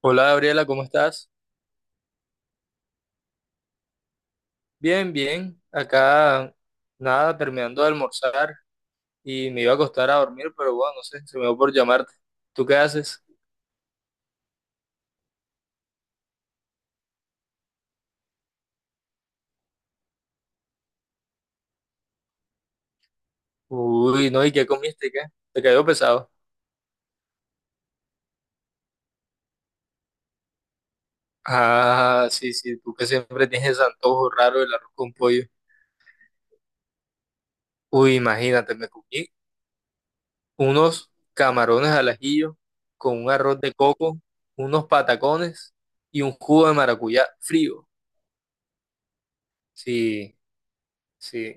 Hola Gabriela, ¿cómo estás? Bien, bien. Acá nada, terminando de almorzar y me iba a acostar a dormir, pero bueno, no sé, se me dio por llamarte. ¿Tú qué haces? Uy, no, ¿y qué comiste? ¿Qué? ¿Te cayó pesado? Ah, sí, sí, tú que siempre tienes ese antojo raro del arroz con pollo. Uy, imagínate, me comí unos camarones al ajillo con un arroz de coco, unos patacones y un jugo de maracuyá frío. Sí. Sí,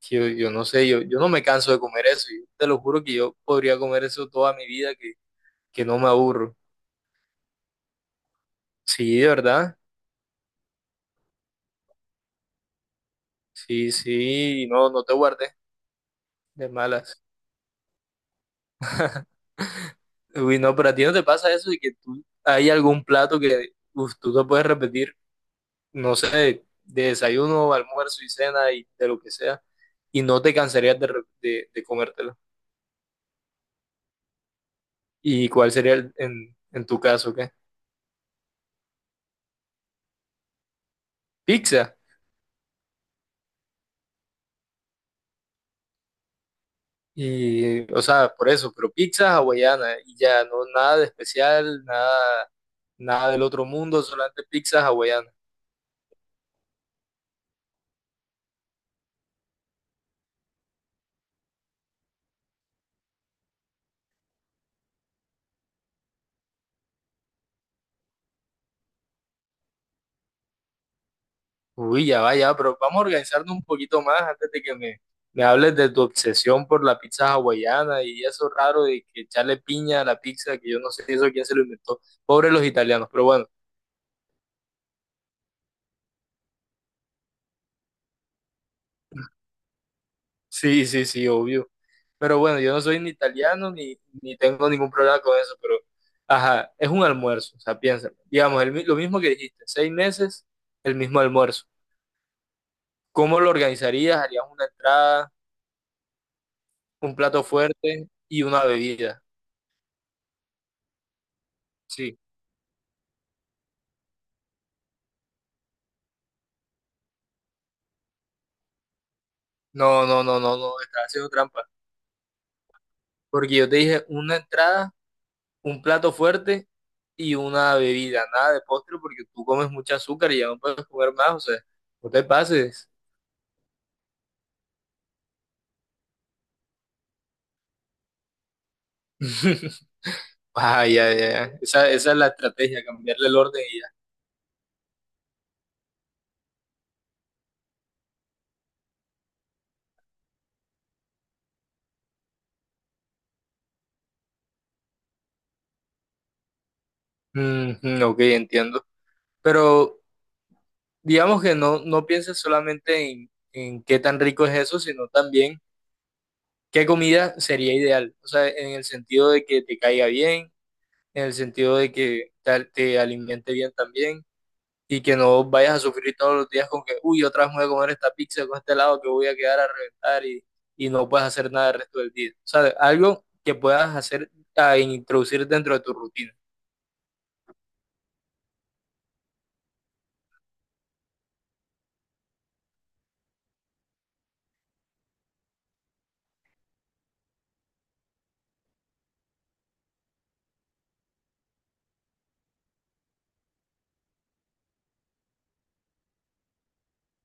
que yo no sé, yo no me canso de comer eso. Yo te lo juro que yo podría comer eso toda mi vida, que no me aburro. Sí, de verdad. Sí, sí, no, no te guardes de malas. Uy, no, pero a ti no te pasa eso de que tú, hay algún plato que uf, tú te puedes repetir, no sé, de desayuno, almuerzo y cena y de lo que sea, y no te cansarías de comértelo. ¿Y cuál sería en tu caso, qué? ¿Pizza? Y, o sea, por eso, pero pizza hawaiana y ya, no nada de especial, nada, nada del otro mundo, solamente pizza hawaiana. Uy, ya va, ya, pero vamos a organizarnos un poquito más antes de que me hables de tu obsesión por la pizza hawaiana y eso raro de que echarle piña a la pizza, que yo no sé eso quién se lo inventó. Pobres los italianos, pero bueno, sí, sí, sí, obvio. Pero bueno, yo no soy ni italiano ni, ni tengo ningún problema con eso, pero ajá, es un almuerzo, o sea, piénsalo. Digamos, lo mismo que dijiste, seis meses, el mismo almuerzo. ¿Cómo lo organizarías? ¿Harías una entrada, un plato fuerte y una bebida? Sí. No, no, no, no, no, estás haciendo trampa. Porque yo te dije una entrada, un plato fuerte y una bebida, nada de postre porque tú comes mucho azúcar y ya no puedes comer más, o sea, no te pases. Ah, ya, ya, ya. Esa es la estrategia, cambiarle el orden y ya. Mm, ok, entiendo. Pero digamos que no, no pienses solamente en qué tan rico es eso, sino también qué comida sería ideal. O sea, en el sentido de que te caiga bien, en el sentido de que te alimente bien también. Y que no vayas a sufrir todos los días con que, uy, otra vez me voy a comer esta pizza con este helado que voy a quedar a reventar y no puedes hacer nada el resto del día. O sea, algo que puedas hacer a introducir dentro de tu rutina.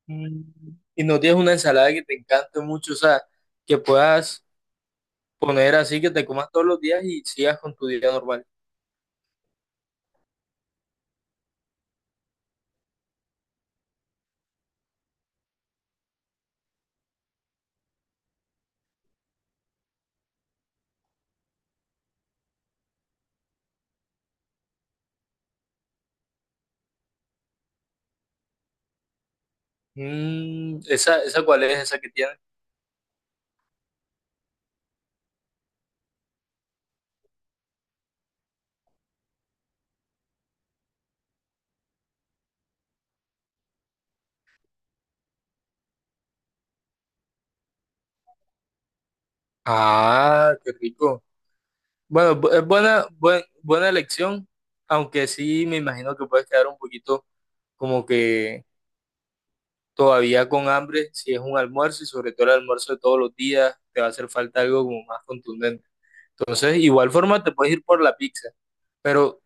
Mm. Y no tienes una ensalada que te encante mucho, o sea, que puedas poner así que te comas todos los días y sigas con tu día normal. Mm, esa cuál es esa que tienes. Ah, qué rico. Bueno, es buena, buena elección, aunque sí me imagino que puedes quedar un poquito como que todavía con hambre, si es un almuerzo y sobre todo el almuerzo de todos los días, te va a hacer falta algo como más contundente. Entonces, igual forma te puedes ir por la pizza, pero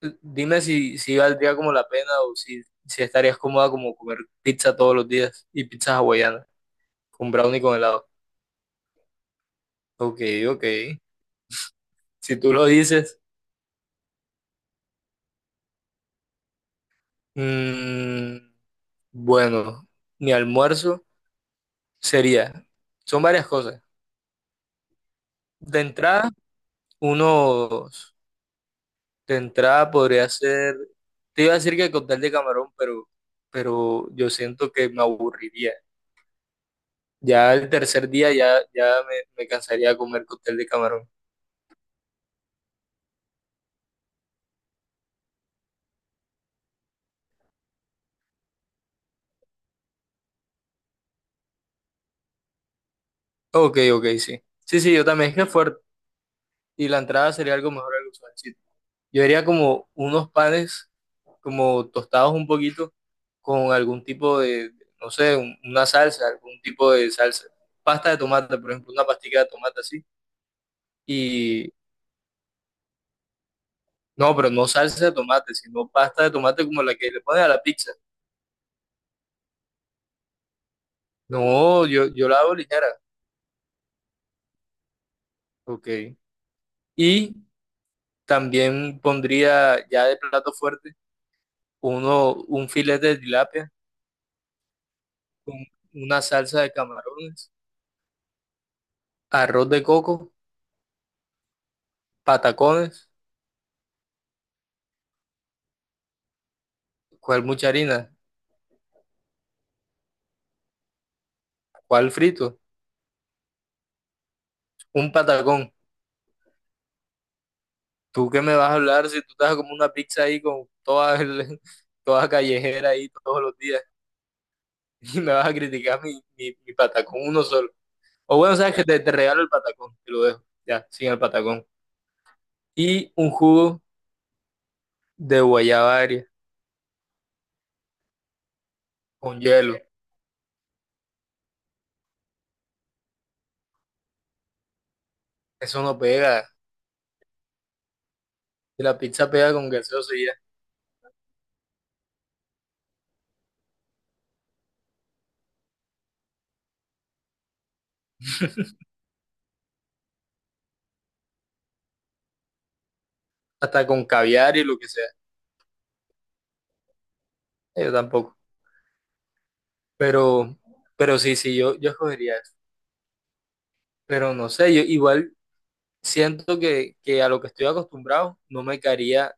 dime si, si valdría como la pena o si, si estarías cómoda como comer pizza todos los días y pizzas hawaianas con brownie con helado. Ok, ok. Si tú lo dices, mm, bueno, mi almuerzo sería, son varias cosas. De entrada, unos De entrada podría ser, te iba a decir que cóctel de camarón, pero yo siento que me aburriría. Ya el tercer día ya, ya me cansaría de comer cóctel de camarón. Ok, ok, sí. Sí, sí, yo también es que es fuerte. Y la entrada sería algo mejor, algo suavecito. Yo haría como unos panes, como tostados un poquito, con algún tipo de, no sé, una salsa, algún tipo de salsa. Pasta de tomate, por ejemplo, una pastica de tomate así. No, pero no salsa de tomate, sino pasta de tomate como la que le pones a la pizza. No, yo la hago ligera. Ok. Y también pondría ya de plato fuerte un filete de tilapia con una salsa de camarones, arroz de coco, patacones, ¿cuál mucha harina? ¿Cuál frito? Un patacón. ¿Tú qué me vas a hablar si tú estás como una pizza ahí con toda, toda callejera ahí todos los días y me vas a criticar mi patacón uno solo? O bueno, sabes que te regalo el patacón, te lo dejo, ya, sin el patacón. Y un jugo de guayaba agria con hielo. Eso no pega. Si la pizza pega con gaseosa y ya, hasta con caviar y lo que sea. Yo tampoco. Pero, pero sí, sí, yo escogería eso. Pero no sé, yo igual siento que a lo que estoy acostumbrado no me caería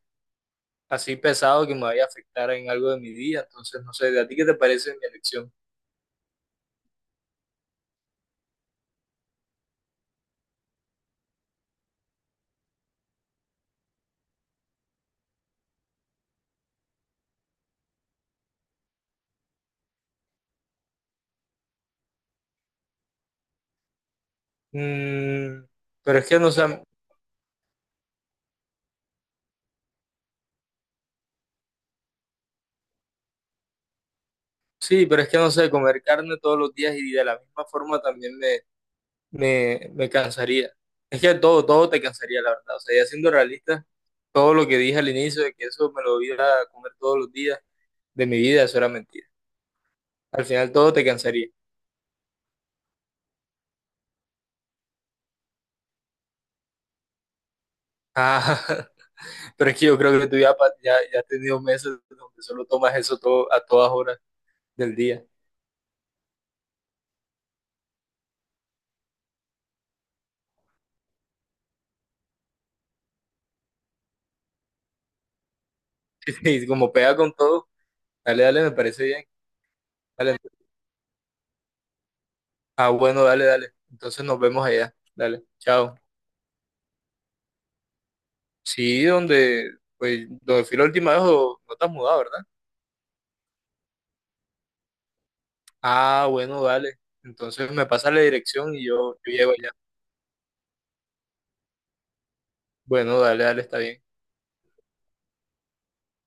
así pesado que me vaya a afectar en algo de mi día. Entonces, no sé, ¿de a ti qué te parece mi elección? Mm, pero es que no sé, sí, pero es que no sé, comer carne todos los días y de la misma forma también me cansaría. Es que todo, todo te cansaría, la verdad. O sea, ya siendo realista, todo lo que dije al inicio de que eso me lo iba a comer todos los días de mi vida, eso era mentira. Al final todo te cansaría. Ah, pero es que yo creo que tú ya, ya has tenido meses donde solo tomas eso todo, a todas horas del día. Y como pega con todo, dale, dale, me parece bien. Dale. Ah, bueno, dale, dale. Entonces nos vemos allá. Dale, chao. Sí, donde, pues, donde fui la última vez, o- no te has mudado, ¿verdad? Ah, bueno, dale. Entonces me pasa la dirección y yo llego allá. Bueno, dale, dale, está bien.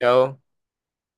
Chao.